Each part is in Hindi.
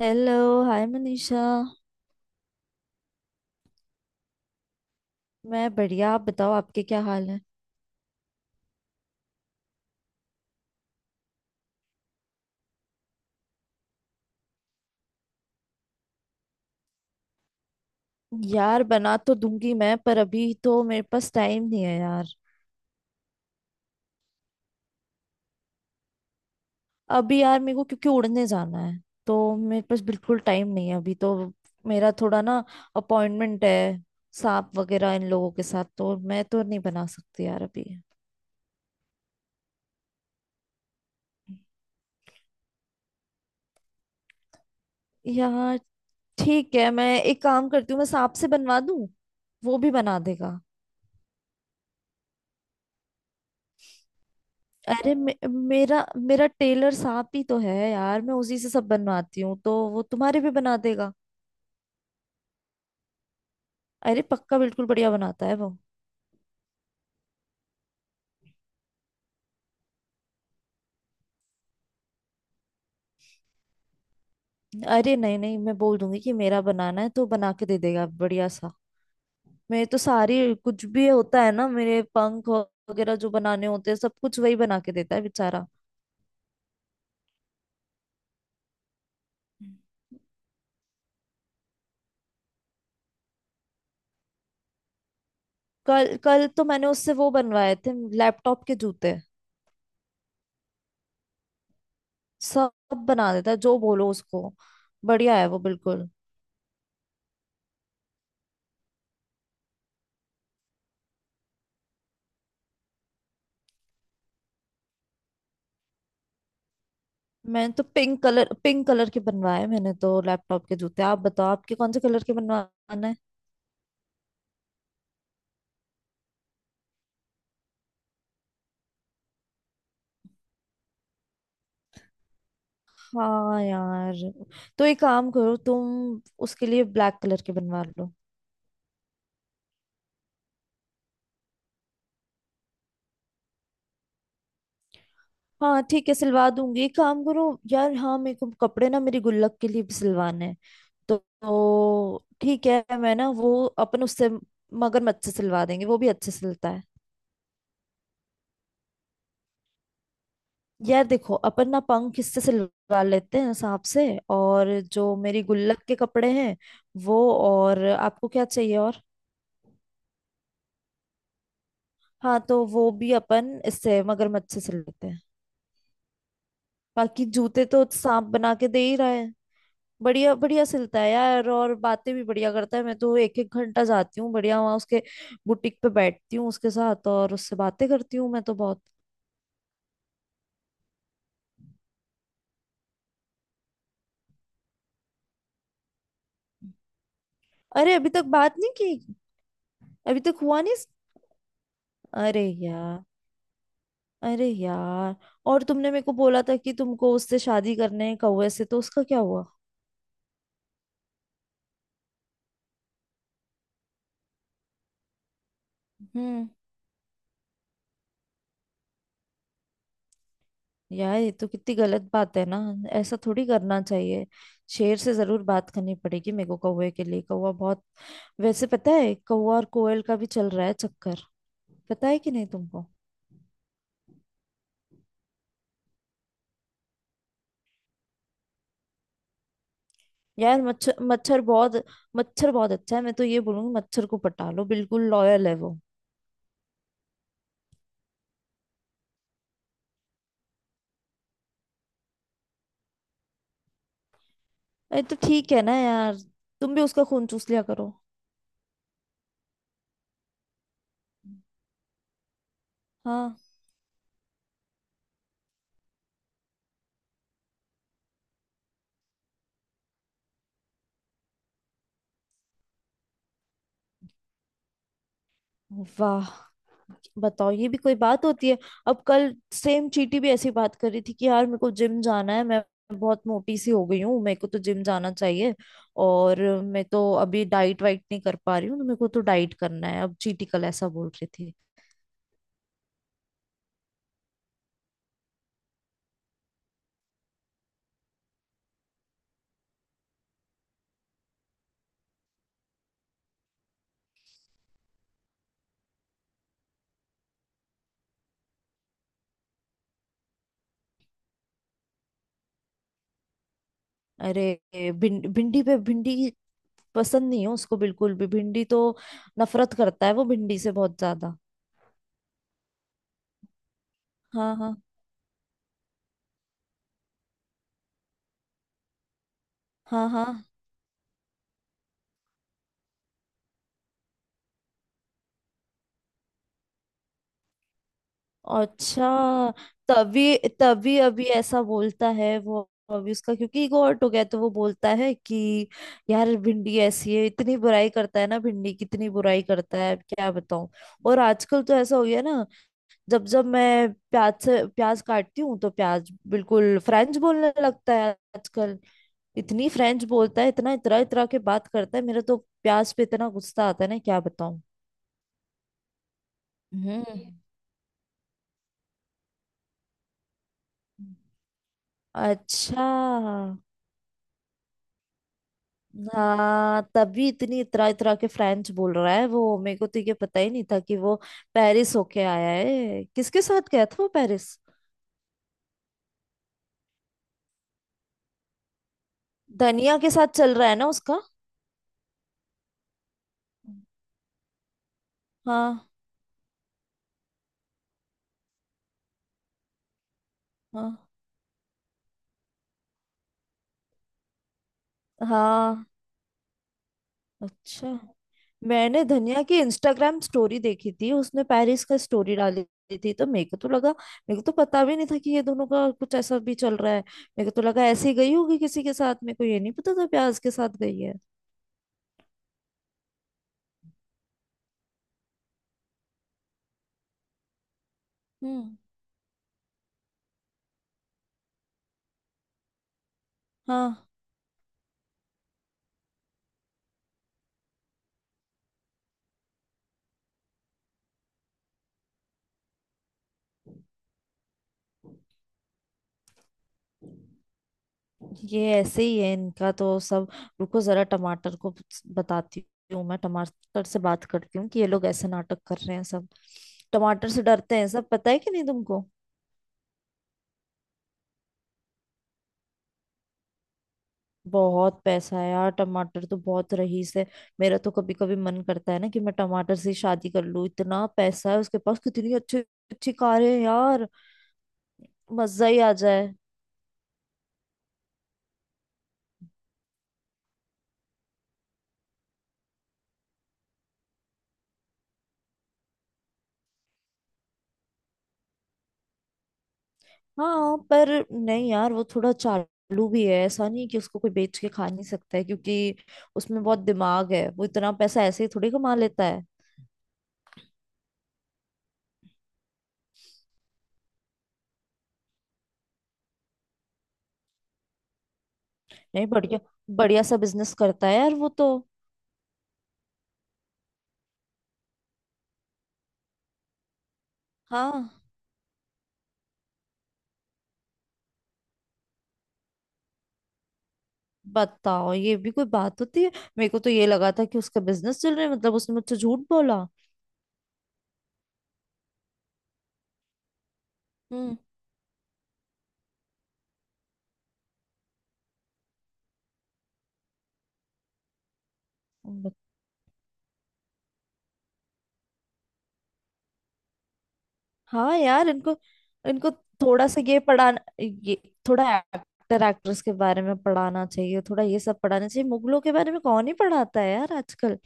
हेलो। हाय मनीषा। मैं बढ़िया, आप बताओ, आपके क्या हाल है। यार बना तो दूंगी मैं, पर अभी तो मेरे पास टाइम नहीं है यार। अभी यार मेरे को क्योंकि उड़ने जाना है, तो मेरे पास बिल्कुल टाइम नहीं है अभी तो। मेरा थोड़ा ना अपॉइंटमेंट है। सांप वगैरह इन लोगों के साथ तो मैं तो नहीं बना सकती यार अभी। यार ठीक है, मैं एक काम करती हूँ, मैं सांप से बनवा दूँ, वो भी बना देगा। अरे मे, मेरा मेरा टेलर साहब ही तो है यार, मैं उसी से सब बनवाती हूँ, तो वो तुम्हारे भी बना देगा। अरे पक्का बिल्कुल बढ़िया बनाता है वो। अरे नहीं नहीं, मैं बोल दूंगी कि मेरा बनाना है, तो बना के दे देगा बढ़िया सा। मेरे तो सारी कुछ भी होता है ना, मेरे पंख वगैरह जो बनाने होते हैं सब कुछ वही बना के देता है बेचारा। कल कल तो मैंने उससे वो बनवाए थे लैपटॉप के जूते। सब बना देता है, जो बोलो उसको। बढ़िया है वो बिल्कुल। मैंने तो पिंक कलर के बनवाए मैंने तो लैपटॉप के जूते। आप बताओ, आपके कौन से कलर के बनवाना है। हाँ यार, तो एक काम करो, तुम उसके लिए ब्लैक कलर के बनवा लो। हाँ ठीक है, सिलवा दूंगी, एक काम करो। यार हाँ, मेरे को कपड़े ना मेरी गुल्लक के लिए भी सिलवाने हैं, तो ठीक है, मैं ना वो अपन उससे मगरमच्छ से सिलवा देंगे, वो भी अच्छे सिलता है। यार देखो, अपन ना पंख किससे से लगा लेते हैं, सांप से। और जो मेरी गुल्लक के कपड़े हैं वो, और आपको क्या चाहिए और। हाँ तो वो भी अपन इससे मगरमच्छ से सिल लेते हैं। बाकी जूते तो सांप बना के दे ही रहा है। बढ़िया बढ़िया सिलता है यार, और बातें भी बढ़िया करता है। मैं तो एक एक घंटा जाती हूँ बढ़िया वहां उसके बुटीक पे, बैठती हूँ उसके साथ और उससे बातें करती हूँ मैं तो बहुत। अरे अभी तक बात नहीं की। अभी तक हुआ नहीं। अरे यार। अरे यार। और तुमने मेरे को बोला था कि तुमको उससे शादी करने है कौवे से, तो उसका क्या हुआ। हम्म। यार ये तो कितनी गलत बात है ना। ऐसा थोड़ी करना चाहिए। शेर से जरूर बात करनी पड़ेगी मेरे को कौवे के लिए, कौवा बहुत। वैसे पता है, कौवा और कोयल का भी चल रहा है चक्कर। पता है कि नहीं तुमको। यार मच्छर मच्छर बहुत, मच्छर बहुत अच्छा है। मैं तो ये बोलूंगी, मच्छर को पटा लो, बिल्कुल लॉयल है वो। अरे तो ठीक है ना यार, तुम भी उसका खून चूस लिया करो। हाँ। वाह। बताओ, ये भी कोई बात होती है। अब कल सेम चीटी भी ऐसी बात कर रही थी कि यार मेरे को जिम जाना है, मैं बहुत मोटी सी हो गई हूँ, मेरे को तो जिम जाना चाहिए। और मैं तो अभी डाइट वाइट नहीं कर पा रही हूँ, तो मेरे को तो डाइट करना है। अब चीटी कल ऐसा बोल रही थी। अरे भिंडी पे भिंडी पसंद नहीं है उसको बिल्कुल भी, भिंडी तो नफरत करता है वो भिंडी से बहुत ज्यादा। हाँ हाँ। हाँ हाँ। अच्छा। तभी तभी अभी ऐसा बोलता है वो। अभी उसका क्योंकि ईगो हर्ट हो गया, तो वो बोलता है कि यार भिंडी ऐसी है, इतनी बुराई करता है ना भिंडी, कितनी बुराई करता है, क्या बताऊं। और आजकल तो ऐसा हो गया ना, जब जब मैं प्याज से प्याज काटती हूँ, तो प्याज बिल्कुल फ्रेंच बोलने लगता है आजकल। इतनी फ्रेंच बोलता है, इतना इतरा इतरा के बात करता है, मेरा तो प्याज पे इतना गुस्सा आता है ना, क्या बताऊं। हम्म। अच्छा। हाँ तभी इतनी इतरा इतरा के फ्रेंच बोल रहा है वो। मेरे को तो ये पता ही नहीं था कि वो पेरिस होके आया है। किसके साथ गया था वो पेरिस। धनिया के साथ चल रहा है ना उसका। हाँ। हाँ हाँ। अच्छा। मैंने धनिया की इंस्टाग्राम स्टोरी देखी थी, उसने पेरिस का स्टोरी डाली थी, तो मेरे को तो लगा, मेरे को तो पता भी नहीं था कि ये दोनों का कुछ ऐसा भी चल रहा है। मेरे को तो लगा ऐसे ही गई होगी किसी के साथ, मेरे को ये नहीं पता था प्याज के साथ गई है। हम्म। हाँ ये ऐसे ही है इनका तो सब। रुको, जरा टमाटर को बताती हूँ मैं, टमाटर से बात करती हूँ कि ये लोग ऐसे नाटक कर रहे हैं सब। टमाटर से डरते हैं सब, पता है कि नहीं तुमको। बहुत पैसा है यार टमाटर तो, बहुत रईस है। मेरा तो कभी कभी मन करता है ना कि मैं टमाटर से ही शादी कर लूँ, इतना पैसा है उसके पास, कितनी अच्छी अच्छी कारें हैं यार। मजा ही आ जाए। हाँ पर नहीं यार, वो थोड़ा चालू भी है, ऐसा नहीं कि उसको कोई बेच के खा नहीं सकता है, क्योंकि उसमें बहुत दिमाग है, वो इतना पैसा ऐसे ही थोड़ी कमा लेता है। नहीं बढ़िया बढ़िया सा बिजनेस करता है यार वो तो। हाँ। बताओ, ये भी कोई बात होती है। मेरे को तो ये लगा था कि उसका बिजनेस चल रहा है, मतलब उसने मुझसे झूठ बोला। हम्म। बत- हाँ यार, इनको इनको थोड़ा सा ये पढ़ाना, ये थोड़ा एक्टर एक्ट्रेस के बारे में पढ़ाना चाहिए, थोड़ा ये सब पढ़ाना चाहिए। मुगलों के बारे में कौन ही पढ़ाता है यार आजकल।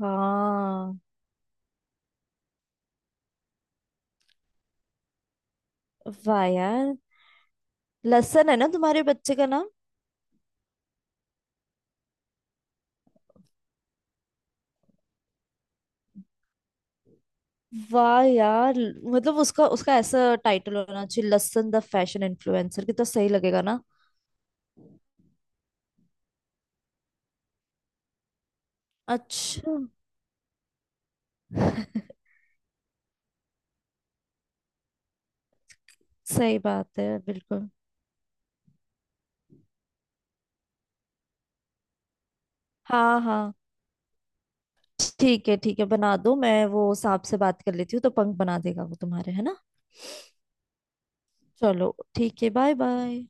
हाँ। वाह यार। लसन है ना तुम्हारे बच्चे का नाम। वाह यार, मतलब उसका उसका ऐसा टाइटल होना चाहिए, लसन द फैशन इन्फ्लुएंसर, कितना सही लगेगा ना। अच्छा। सही बात है बिल्कुल। हाँ हाँ, ठीक है ठीक है, बना दो। मैं वो सांप से बात कर लेती हूँ तो पंख बना देगा वो तुम्हारे, है ना। चलो ठीक है, बाय बाय।